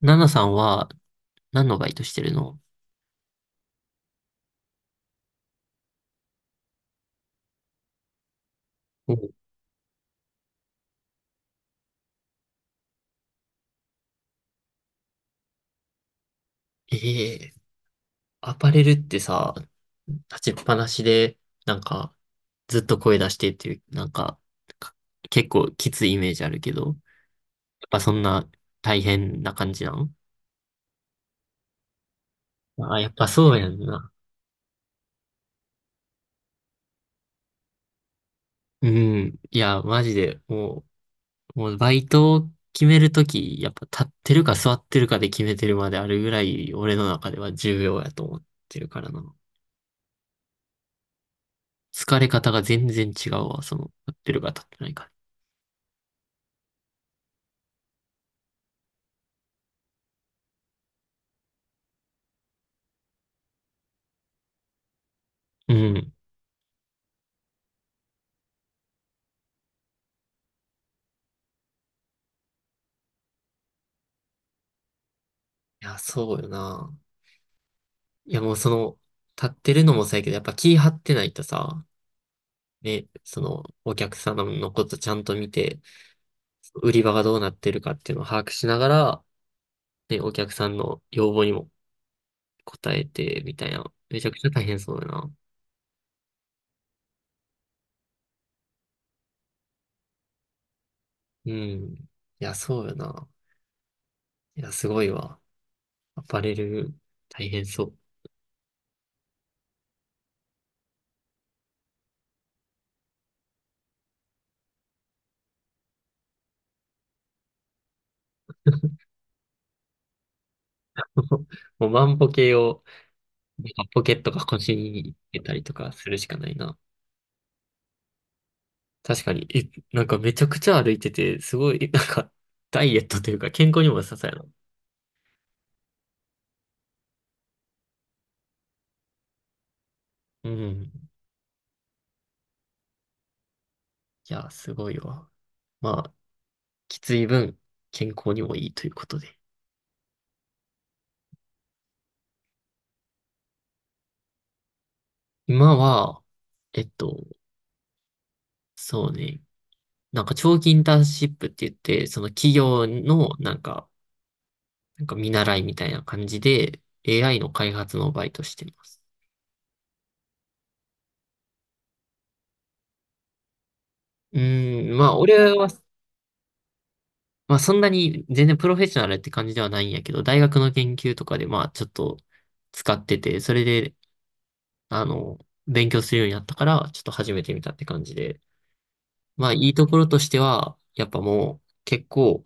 ナナさんは何のバイトしてるの？お。ええ。アパレルってさ、立ちっぱなしで、なんか、ずっと声出してっていう、なんか、か結構きついイメージあるけど、やっぱそんな大変な感じなの？あ、やっぱそうやんな。うん。いや、マジで、もうバイトを決めるとき、やっぱ立ってるか座ってるかで決めてるまであるぐらい、俺の中では重要やと思ってるからな。疲れ方が全然違うわ、その、立ってるか立ってないか。うん。いや、そうよな。いや、もうその、立ってるのもそうやけど、やっぱ気張ってないとさ、ね、その、お客様のことちゃんと見て、売り場がどうなってるかっていうのを把握しながら、ね、お客さんの要望にも応えて、みたいな。めちゃくちゃ大変そうよな。うん。いや、そうよな。いや、すごいわ。アパレル、大変そう。もう万歩計をポケットが腰に入れたりとかするしかないな。確かに、え、なんかめちゃくちゃ歩いてて、すごい、なんか、ダイエットというか健康にも良さそうやな。うん。いや、すごいわ。まあ、きつい分、健康にもいいということで。今は、えっと、そうね。なんか長期インターンシップって言って、その企業のなんか見習いみたいな感じで AI の開発のバイトしてます。まあ俺は、まあそんなに全然プロフェッショナルって感じではないんやけど、大学の研究とかでまあちょっと使ってて、それで、あの、勉強するようになったから、ちょっと始めてみたって感じで。まあいいところとしては、やっぱもう結構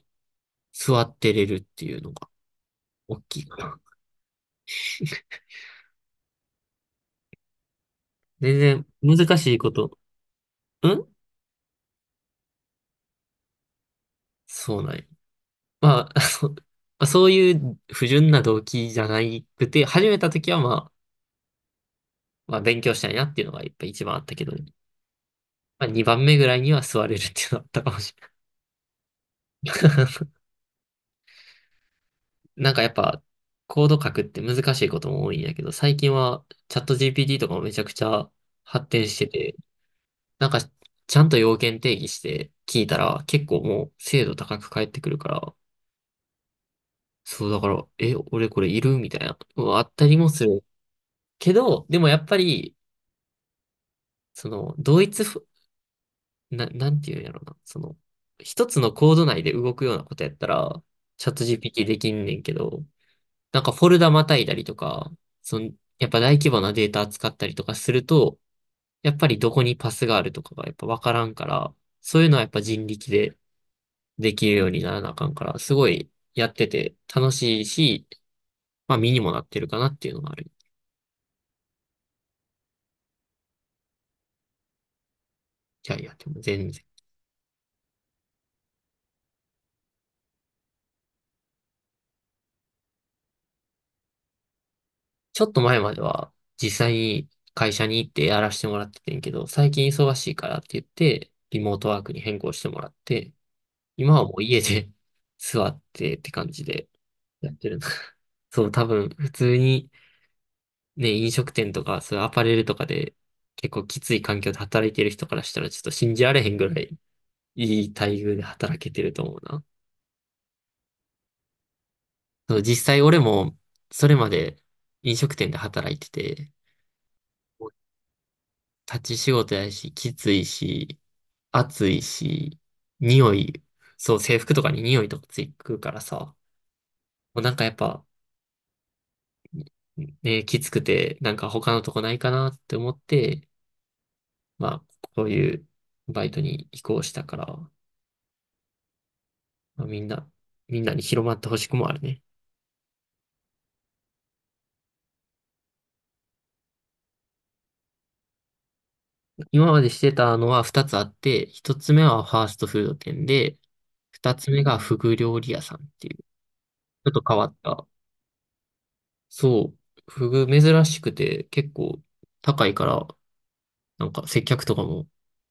座ってれるっていうのが大きいかな。全然難しいこと。うん。そうなんや。まあ、まあそういう不純な動機じゃなくて、始めた時はまあ、勉強したいなっていうのがやっぱ一番あったけどね、まあ、2番目ぐらいには座れるっていうのあったかもしれない。なんかやっぱ、コード書くって難しいことも多いんやけど、最近はチャット GPT とかもめちゃくちゃ発展してて、なんかちゃんと要件定義して聞いたら結構もう精度高く返ってくるから、そうだから、え、俺これいるみたいな、うんあったりもする。けど、でもやっぱり、その、同一ふ、な、なんていうんやろな、その、一つのコード内で動くようなことやったら、チャット GPT できんねんけど、なんかフォルダまたいだりとか、その、やっぱ大規模なデータ扱ったりとかすると、やっぱりどこにパスがあるとかがやっぱわからんから、そういうのはやっぱ人力でできるようにならなあかんから、すごいやってて楽しいし、まあ身にもなってるかなっていうのがある。キャリアっても全然。ちょっと前までは実際に会社に行ってやらせてもらっててんけど、最近忙しいからって言って、リモートワークに変更してもらって、今はもう家で 座ってって感じで、やってるな。そう、多分、普通に、ね、飲食店とか、そういうアパレルとかで、結構きつい環境で働いてる人からしたら、ちょっと信じられへんぐらい、いい待遇で働けてると思うな。そう、実際俺も、それまで飲食店で働いてて、立ち仕事やし、きついし、暑いし、匂い、そう、制服とかに匂いとかついくからさ、もうなんかやっぱ、ね、きつくて、なんか他のとこないかなって思って、まあ、こういうバイトに移行したから、まあ、みんなに広まってほしくもあるね。今までしてたのは2つあって、1つ目はファーストフード店で、2つ目がフグ料理屋さんっていう、ちょっと変わった。そう、フグ珍しくて結構高いから、なんか接客とかも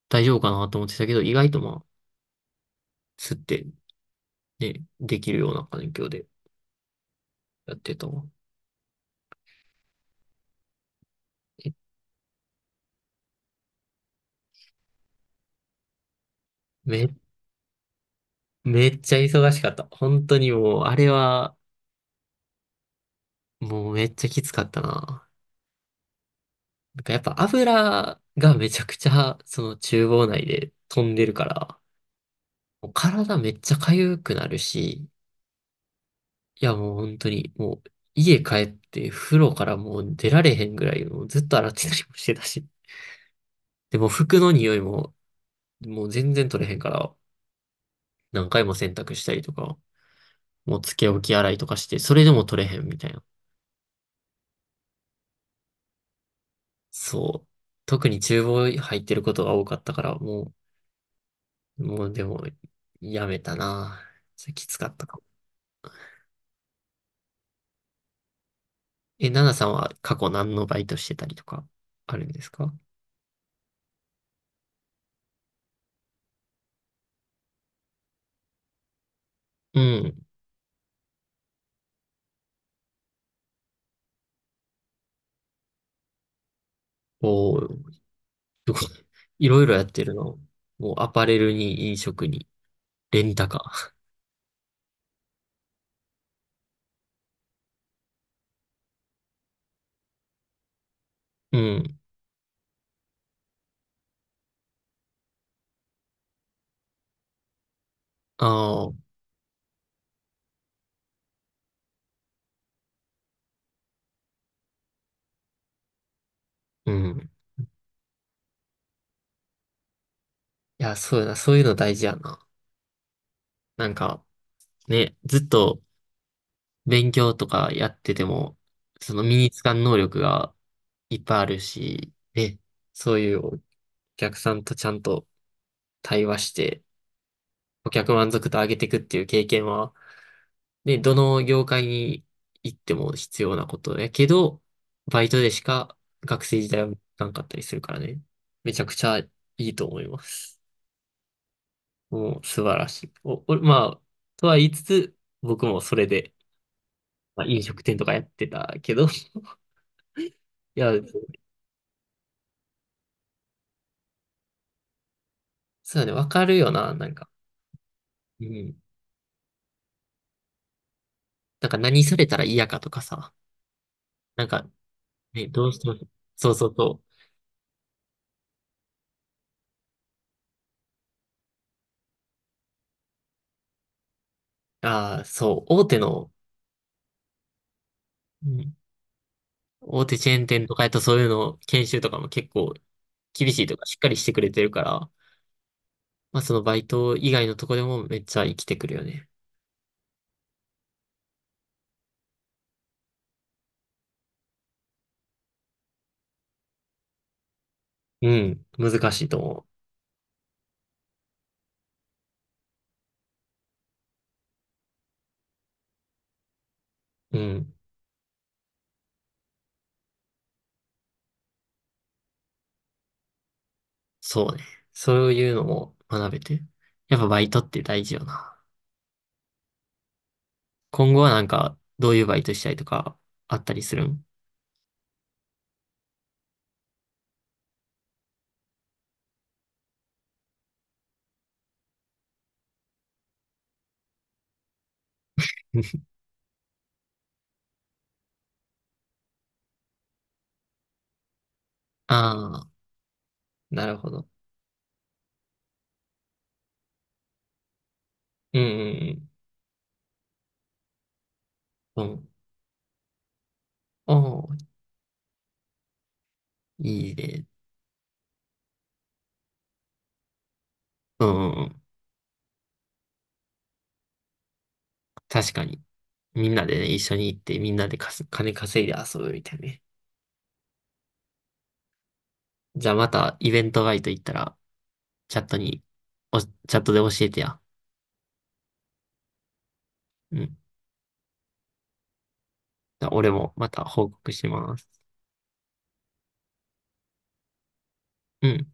大丈夫かなと思ってたけど、意外とまあ、吸ってね、できるような環境でやってたわ。えめ、めっちゃ忙しかった。本当にもう、あれは、もうめっちゃきつかったな。なんかやっぱ油がめちゃくちゃその厨房内で飛んでるから、もう体めっちゃ痒くなるし、いやもう本当にもう家帰って風呂からもう出られへんぐらいもうずっと洗ってたりもしてたし。でも服の匂いももう全然取れへんから何回も洗濯したりとか、もうつけ置き洗いとかしてそれでも取れへんみたいな。そう。特に厨房入ってることが多かったからもうでも、やめたな。それきつかったかも。え、ナナさんは過去何のバイトしてたりとか、あるんですか？うん。おお、すごい。いろいろやってるの。もうアパレルに飲食に、レンタカー。うん。ああ、うん。いや、そうやな。そういうの大事やな。なんか、ね、ずっと勉強とかやってても、その身につかん能力がいっぱいあるし、ね、そういうお客さんとちゃんと対話して、顧客満足度上げていくっていう経験は、ね、どの業界に行っても必要なことやけど、バイトでしか学生時代はなかったりするからね。めちゃくちゃいいと思います。もう素晴らしい。まあ、とは言いつつ、僕もそれで、まあ、飲食店とかやってたけど、いや、そうだね、わかるよな、なんか。うん。なんか何されたら嫌かとかさ。なんか、ね、どうしても、そうそうそう。ああ、そう、大手チェーン店とかやとそういうの研修とかも結構厳しいとかしっかりしてくれてるから、まあそのバイト以外のとこでもめっちゃ生きてくるよね。うん、難しいと思う。うん、そうね。そういうのも学べて。やっぱバイトって大事よな。今後はなんかどういうバイトしたいとかあったりするん？ ああ、なるほど。うんうんうん。うん。おー、いいね。うんうんうん。確かに。みんなでね、一緒に行ってみんなでかす金稼いで遊ぶみたいなね。じゃあまたイベントバイト行ったら、チャットに、チャットで教えてや。うん。じゃあ俺もまた報告します。うん。